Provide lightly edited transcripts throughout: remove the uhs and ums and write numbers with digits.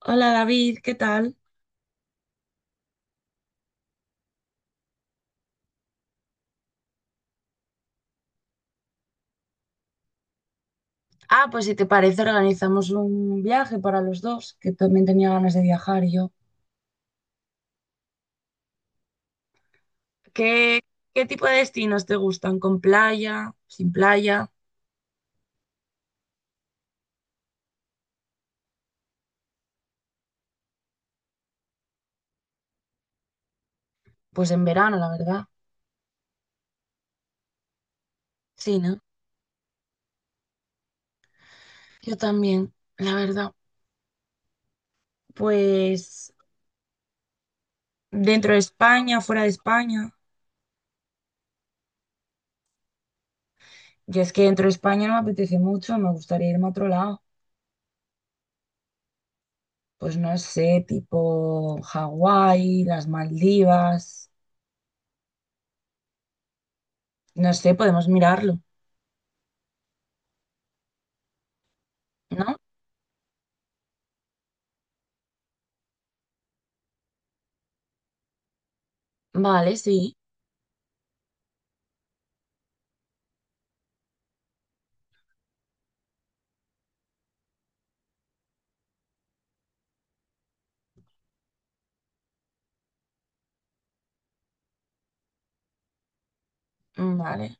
Hola David, ¿qué tal? Ah, pues si te parece, organizamos un viaje para los dos, que también tenía ganas de viajar yo. ¿Qué, qué tipo de destinos te gustan? ¿Con playa? ¿Sin playa? Pues en verano, la verdad. Sí, ¿no? Yo también, la verdad. Pues dentro de España, fuera de España. Yo es que dentro de España no me apetece mucho, me gustaría irme a otro lado. Pues no sé, tipo Hawái, las Maldivas. No sé, podemos mirarlo, ¿no? Vale, sí. Vale.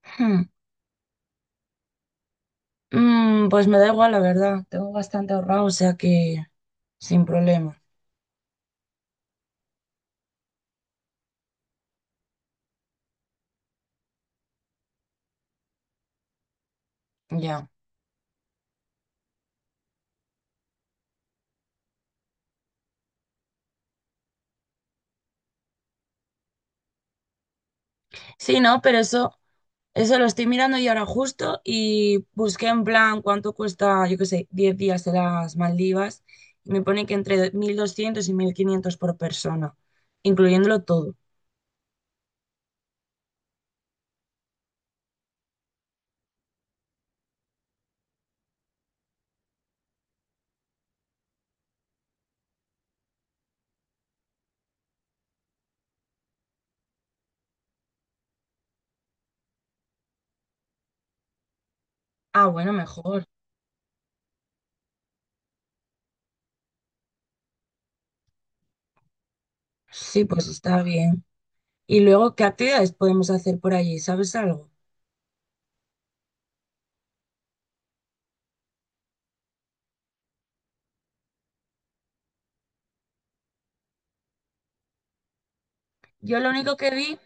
Hmm. Pues me da igual, la verdad. Tengo bastante ahorrado, o sea que sin problema. Ya. Sí, no, pero eso lo estoy mirando y ahora justo y busqué en plan cuánto cuesta, yo qué sé, 10 días de las Maldivas y me pone que entre 1.200 y 1.500 por persona, incluyéndolo todo. Ah, bueno, mejor. Sí, pues está bien. Y luego, ¿qué actividades podemos hacer por allí? ¿Sabes algo? Yo lo único que vi,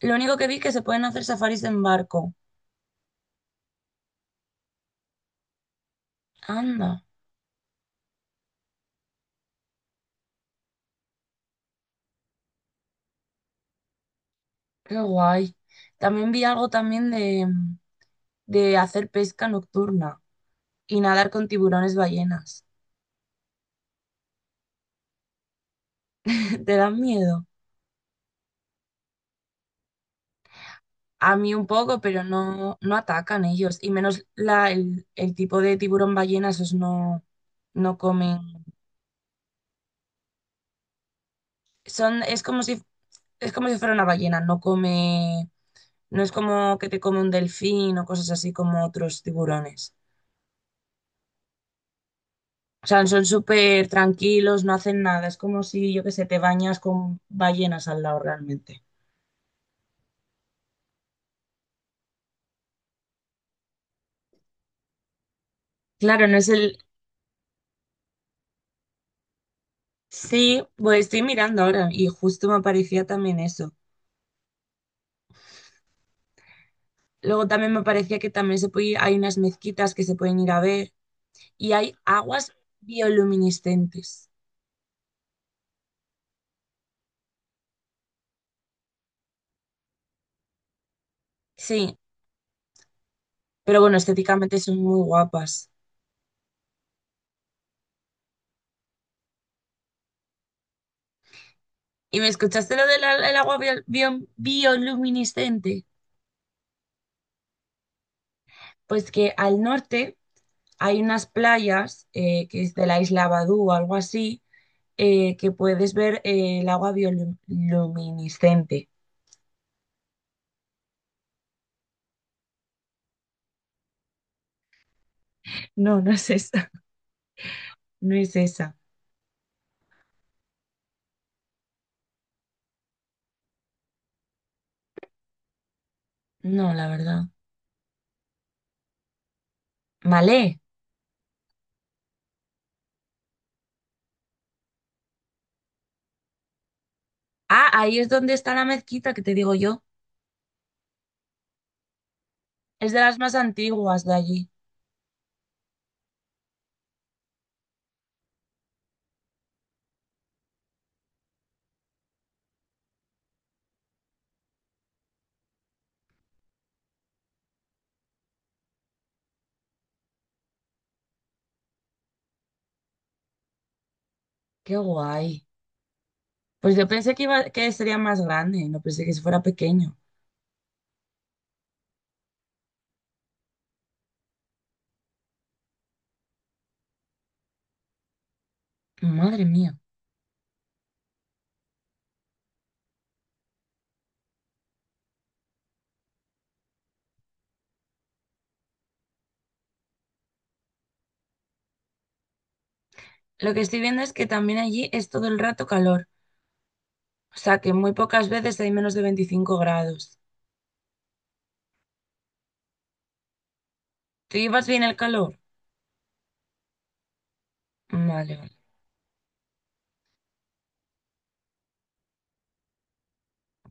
Lo único que vi que se pueden hacer safaris en barco. Anda, qué guay. También vi algo también de hacer pesca nocturna y nadar con tiburones ballenas. ¿Te dan miedo? A mí un poco, pero no, no atacan ellos. Y menos el tipo de tiburón ballena, esos no, no comen. Son, es como si, es como si fuera una ballena, no come, no es como que te come un delfín o cosas así como otros tiburones. O sea, son súper tranquilos, no hacen nada. Es como si, yo que sé, te bañas con ballenas al lado realmente. Claro, no es el... Sí, pues estoy mirando ahora y justo me aparecía también eso. Luego también me parecía que también se puede ir- hay unas mezquitas que se pueden ir a ver y hay aguas bioluminiscentes. Sí, pero bueno, estéticamente son muy guapas. ¿Y me escuchaste lo del el agua bioluminiscente? Pues que al norte hay unas playas que es de la isla Badú o algo así, que puedes ver el agua bioluminiscente. No, no es esa, no es esa. No, la verdad. Malé. Ah, ahí es donde está la mezquita que te digo yo. Es de las más antiguas de allí. Qué guay. Pues yo pensé que iba, que sería más grande, no pensé que fuera pequeño. Madre mía. Lo que estoy viendo es que también allí es todo el rato calor. O sea que muy pocas veces hay menos de 25 grados. ¿Tú llevas bien el calor? Vale, vale.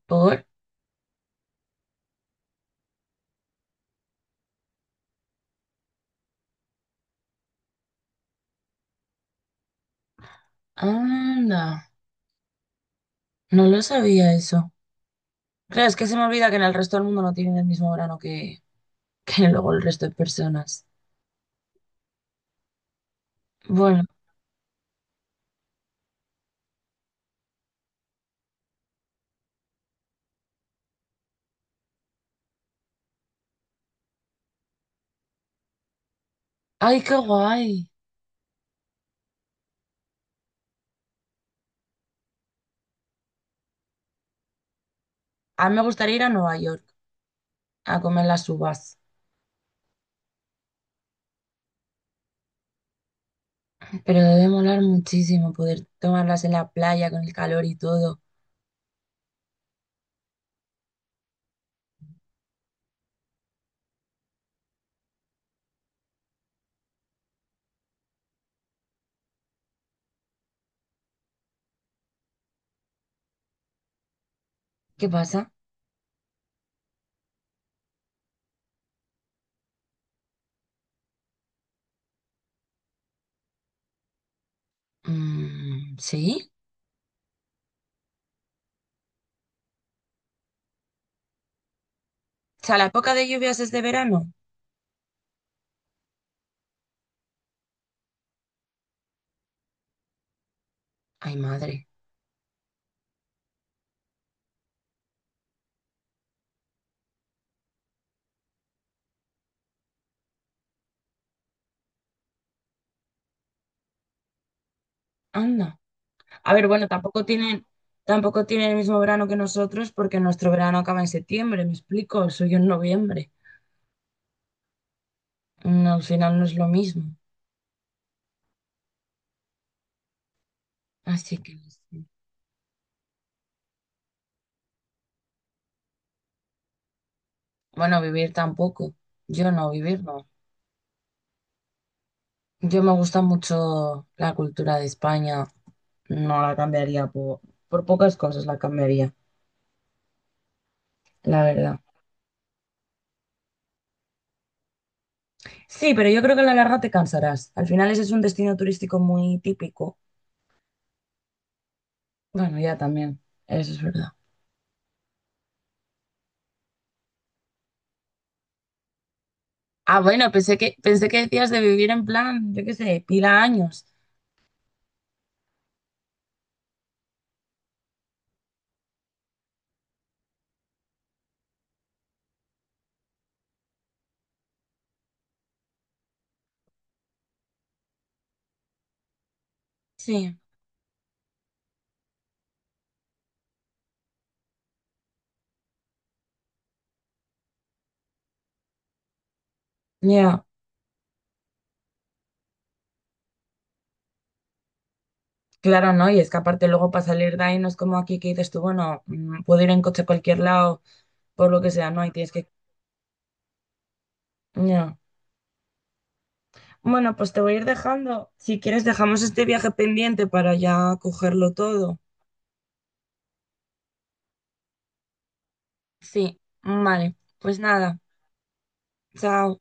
Por. Anda. No lo sabía eso. Claro, es que se me olvida que en el resto del mundo no tienen el mismo verano que, que luego el resto de personas. Bueno. ¡Ay, qué guay! A mí me gustaría ir a Nueva York a comer las uvas. Pero debe molar muchísimo poder tomarlas en la playa con el calor y todo. ¿Qué pasa? Mm, ¿sí? O sea, la época de lluvias es de verano. Ay, madre. Anda. A ver, bueno, tampoco tienen, Tampoco tienen el mismo verano que nosotros porque nuestro verano acaba en septiembre, me explico, el suyo en noviembre. No, al final no es lo mismo. Así que, no sé. Bueno, vivir tampoco. Yo no, vivir no. Yo me gusta mucho la cultura de España. No la cambiaría por pocas cosas, la cambiaría, la verdad. Sí, pero yo creo que a la larga te cansarás. Al final ese es un destino turístico muy típico. Bueno, ya también, eso es verdad. Ah, pensé que decías de vivir en plan, yo qué sé, pila años. Sí. Ya. Claro, ¿no? Y es que aparte luego para salir de ahí no es como aquí que dices tú, bueno, puedo ir en coche a cualquier lado, por lo que sea, no, ahí tienes que... Ya. Bueno, pues te voy a ir dejando. Si quieres, dejamos este viaje pendiente para ya cogerlo todo. Sí. Vale, pues nada, chao.